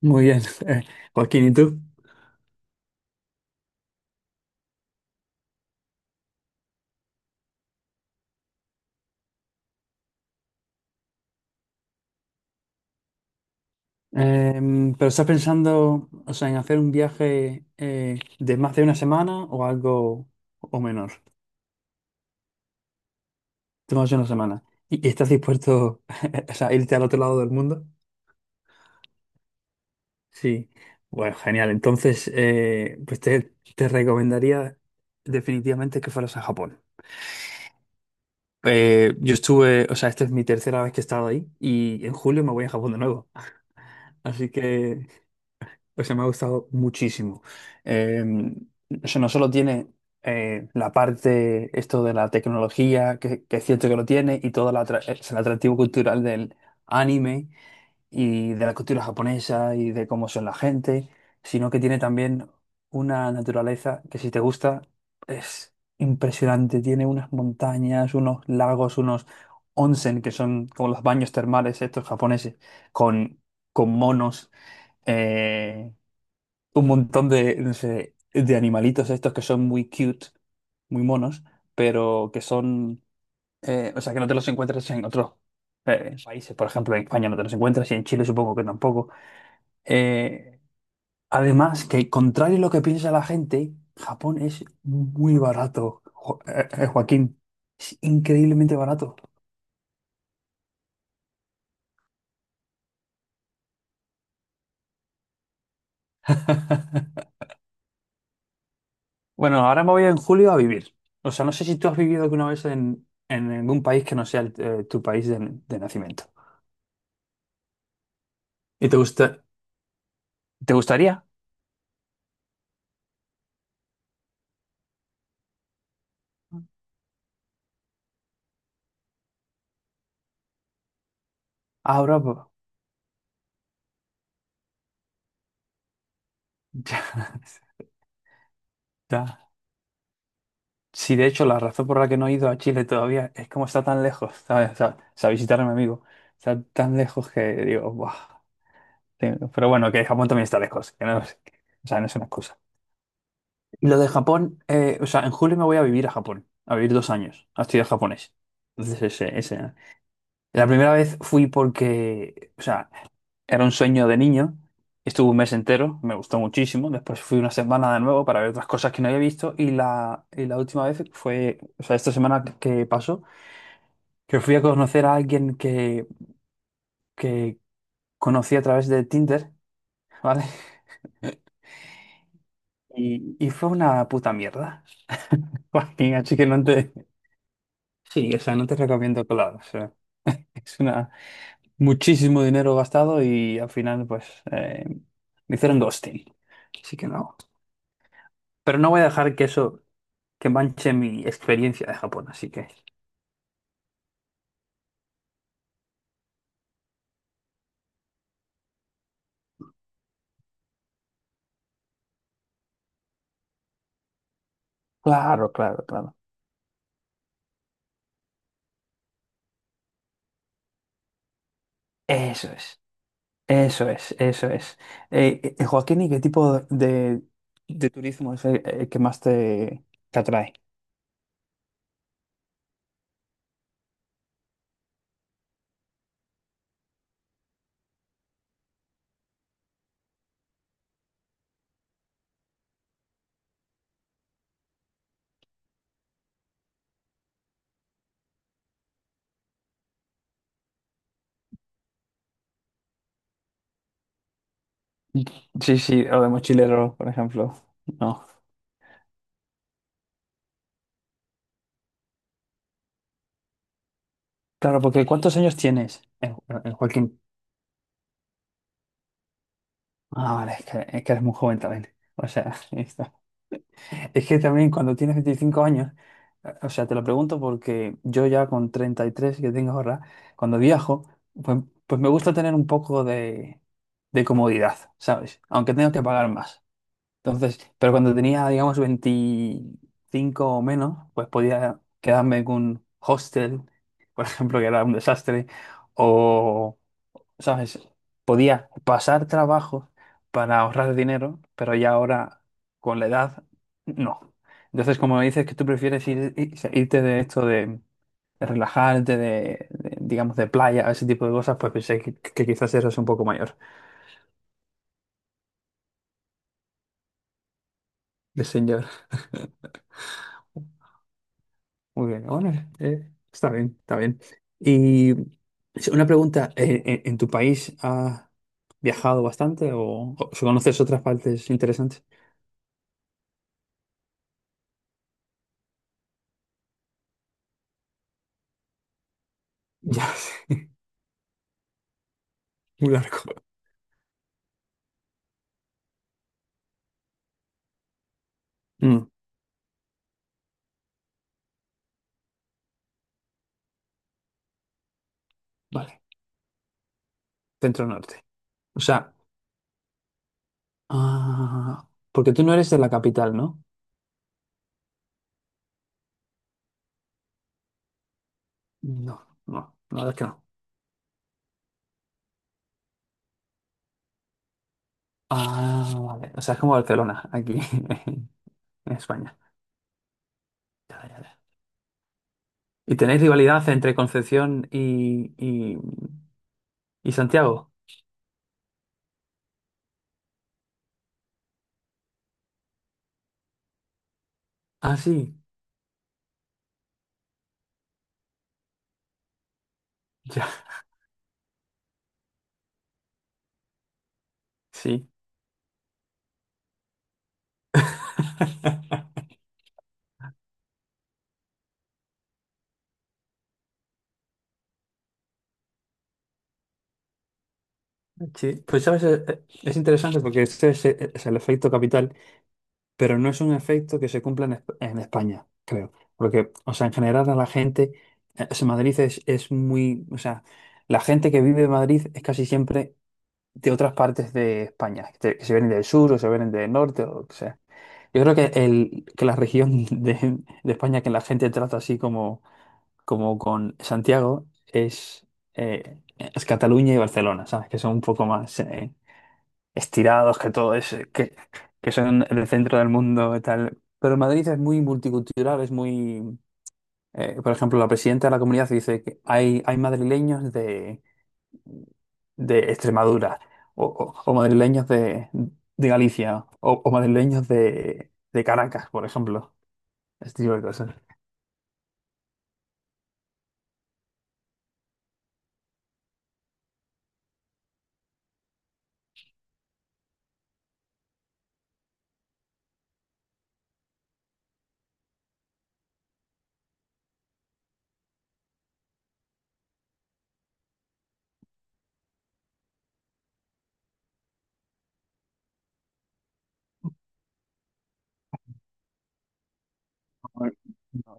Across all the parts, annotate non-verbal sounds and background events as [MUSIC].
Muy bien, [LAUGHS] eh, Joaquín, ¿y tú? ¿Pero estás pensando, o sea, en hacer un viaje de más de una semana o algo o menor? De más de una semana. ¿Y estás dispuesto, [LAUGHS] o sea, a irte al otro lado del mundo? Sí. Bueno, genial. Entonces, pues te recomendaría definitivamente que fueras a Japón. Yo estuve, o sea, esta es mi tercera vez que he estado ahí, y en julio me voy a Japón de nuevo. [LAUGHS] Así que... O sea, me ha gustado muchísimo. Eh, o sea, no solo tiene la parte, esto de la tecnología, que es cierto que lo tiene, y todo el es el atractivo cultural del anime y de la cultura japonesa y de cómo son la gente, sino que tiene también una naturaleza que si te gusta es impresionante. Tiene unas montañas, unos lagos, unos onsen, que son como los baños termales estos japoneses, con, con monos. eh, un montón de, no sé, de animalitos estos que son muy cute, muy monos, pero que son, o sea, que no te los encuentras en otros países. Por ejemplo, en España no te los encuentras y en Chile supongo que tampoco. Eh, Además, que contrario a lo que piensa la gente, Japón es muy barato, Joaquín. Es increíblemente barato. [LAUGHS] Bueno, ahora me voy en julio a vivir. O sea, no sé si tú has vivido alguna vez en algún país que no sea tu país de nacimiento. ¿Y te gusta, te gustaría? Ahora, pues... [LAUGHS] Ya, ya. Sí, de hecho, la razón por la que no he ido a Chile todavía es como está tan lejos, ¿sabes? O sea, visitar a mi amigo está tan lejos que digo, "Buah". Sí. Pero bueno, que Japón también está lejos, que no es- o sea, no es una excusa. Y lo de Japón, o sea, en julio me voy a vivir a Japón, a vivir 2 años, a estudiar japonés. Entonces, ese, ese, La primera vez fui porque, o sea, era un sueño de niño. Estuve un mes entero, me gustó muchísimo. Después fui una semana de nuevo para ver otras cosas que no había visto. Y la última vez fue, o sea, esta semana que pasó, que fui a conocer a alguien que conocí a través de Tinder, ¿vale? Y fue una puta mierda. [LAUGHS] Joaquín, así que no te... Sí, o sea, no te recomiendo que lo hagas, o sea, es una... muchísimo dinero gastado y al final pues eh, me hicieron ghosting. Así que no. Pero no voy a dejar que eso, que manche mi experiencia de Japón, así que... Claro, claro, claro. Eso es, eso es, eso es. Joaquín, ¿y qué tipo de turismo es el que más te atrae? Sí, sí, o de mochilero, por ejemplo. No. Claro, porque ¿cuántos años tienes, Joaquín? Ah, vale, es que eres muy joven también. O sea, [LAUGHS] está. Es que también cuando tienes 25 años, o sea, te lo pregunto porque yo ya con 33 que tengo ahora, cuando viajo, pues, pues me gusta tener un poco de comodidad, ¿sabes? Aunque tenga que pagar más. Entonces, pero cuando tenía, digamos, 25 o menos, pues podía quedarme en un hostel, por [LAUGHS] ejemplo, que era un desastre, ¿sabes? Podía pasar trabajo para ahorrar dinero, pero ya ahora con la edad, no. Entonces, como me dices que tú prefieres irte de esto de relajarte, digamos, de playa, ese tipo de cosas, pues pensé que quizás eres un poco mayor de señor. [LAUGHS] Muy bien, bueno, está bien, está bien. Y sí, una pregunta, ¿en tu país has viajado bastante o conoces otras partes interesantes? Ya, [LAUGHS] sé, muy largo. Vale, centro norte. O sea, ah, porque tú no eres de la capital, ¿no? No, no, la verdad es que no. Ah, vale. O sea, es como Barcelona, aquí [LAUGHS] en España. Ya, ya, ya. ¿Y tenéis rivalidad entre Concepción y Santiago? Ah, sí, ya, sí. [LAUGHS] Sí, pues sabes, es interesante porque es el efecto capital. Pero no es un efecto que se cumpla en España, creo. Porque, o sea, en general a la gente, o sea, Madrid es muy, o sea, la gente que vive en Madrid es casi siempre de otras partes de España, que se vienen del sur o se vienen del norte o lo que sea. Yo creo que la región [LAUGHS] de España que la gente trata así como con Santiago es Cataluña y Barcelona, ¿sabes? Que son un poco más... estirados, que todo es, que son el centro del mundo y tal. Pero Madrid es muy multicultural, es muy... por ejemplo, la presidenta de la comunidad dice que hay madrileños de Extremadura, o madrileños de Galicia, o madrileños de Caracas, por ejemplo. Este tipo de cosas. No,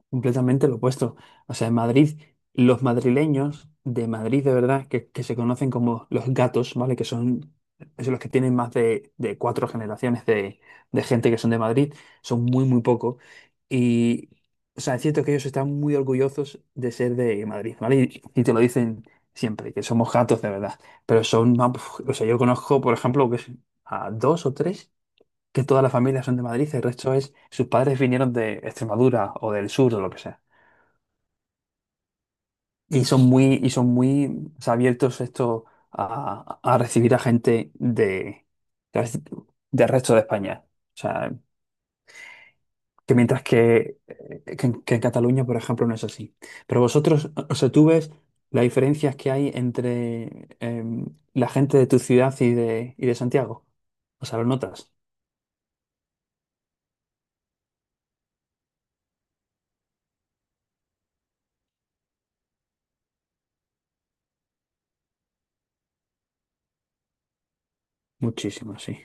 completamente lo opuesto. O sea, en Madrid, los madrileños de Madrid de verdad, que se conocen como los gatos, ¿vale? Que son Es los que tienen más de cuatro generaciones de gente que son de Madrid, son muy, muy pocos. Y, o sea, es cierto que ellos están muy orgullosos de ser de Madrid, ¿vale? Y te lo dicen siempre, que somos gatos de verdad. Pero son, más- o sea, yo conozco, por ejemplo, a dos o tres que todas las familias son de Madrid, el resto es, sus padres vinieron de Extremadura o del sur o lo que sea. Y son muy, o sea, abiertos esto a recibir a gente de- del resto de España. O sea, que mientras que en Cataluña, por ejemplo, no es así. Pero vosotros, o sea, tú ves las diferencias que hay entre la gente de tu ciudad y de Santiago. O sea, lo notas. Muchísimo, sí.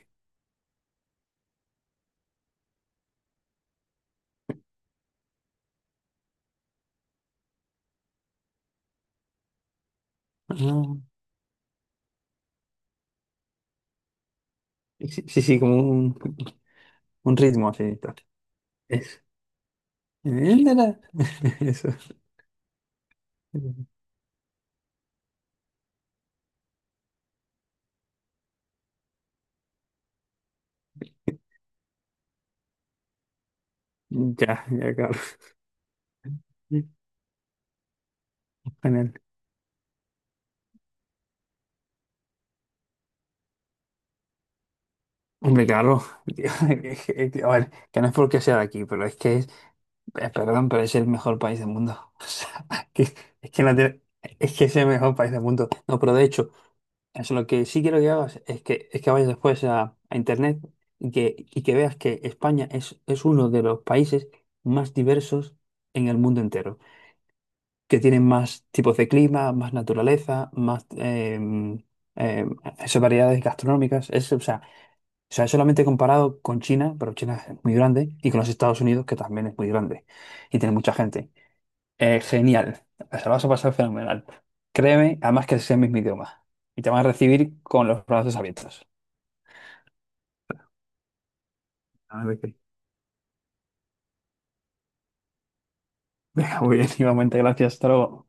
Ah, sí, sí, sí, como un... Un ritmo así y tal. Es- Él. [LAUGHS] Eso. Ya, ya, Carlos. Genial. Hombre, Carlos, tío, [LAUGHS] a ver, que no es porque sea de aquí, pero perdón, pero es el mejor país del mundo. [LAUGHS] Que, es que no tiene... Es que es el mejor país del mundo. No, pero de hecho, eso lo que sí quiero que hagas es que vayas después a internet y que veas que España es uno de los países más diversos en el mundo entero. Que tienen más tipos de clima, más naturaleza, más em, esas variedades gastronómicas. Es, o sea, Es solamente comparado con China, pero China es muy grande, y con los Estados Unidos, que también es muy grande y tiene mucha gente. Genial, se lo vas a pasar fenomenal. Créeme, además que sea el mismo idioma. Y te van a recibir con los brazos abiertos. Ah, ok. [LAUGHS] Muy bien, igualmente, gracias, hasta luego.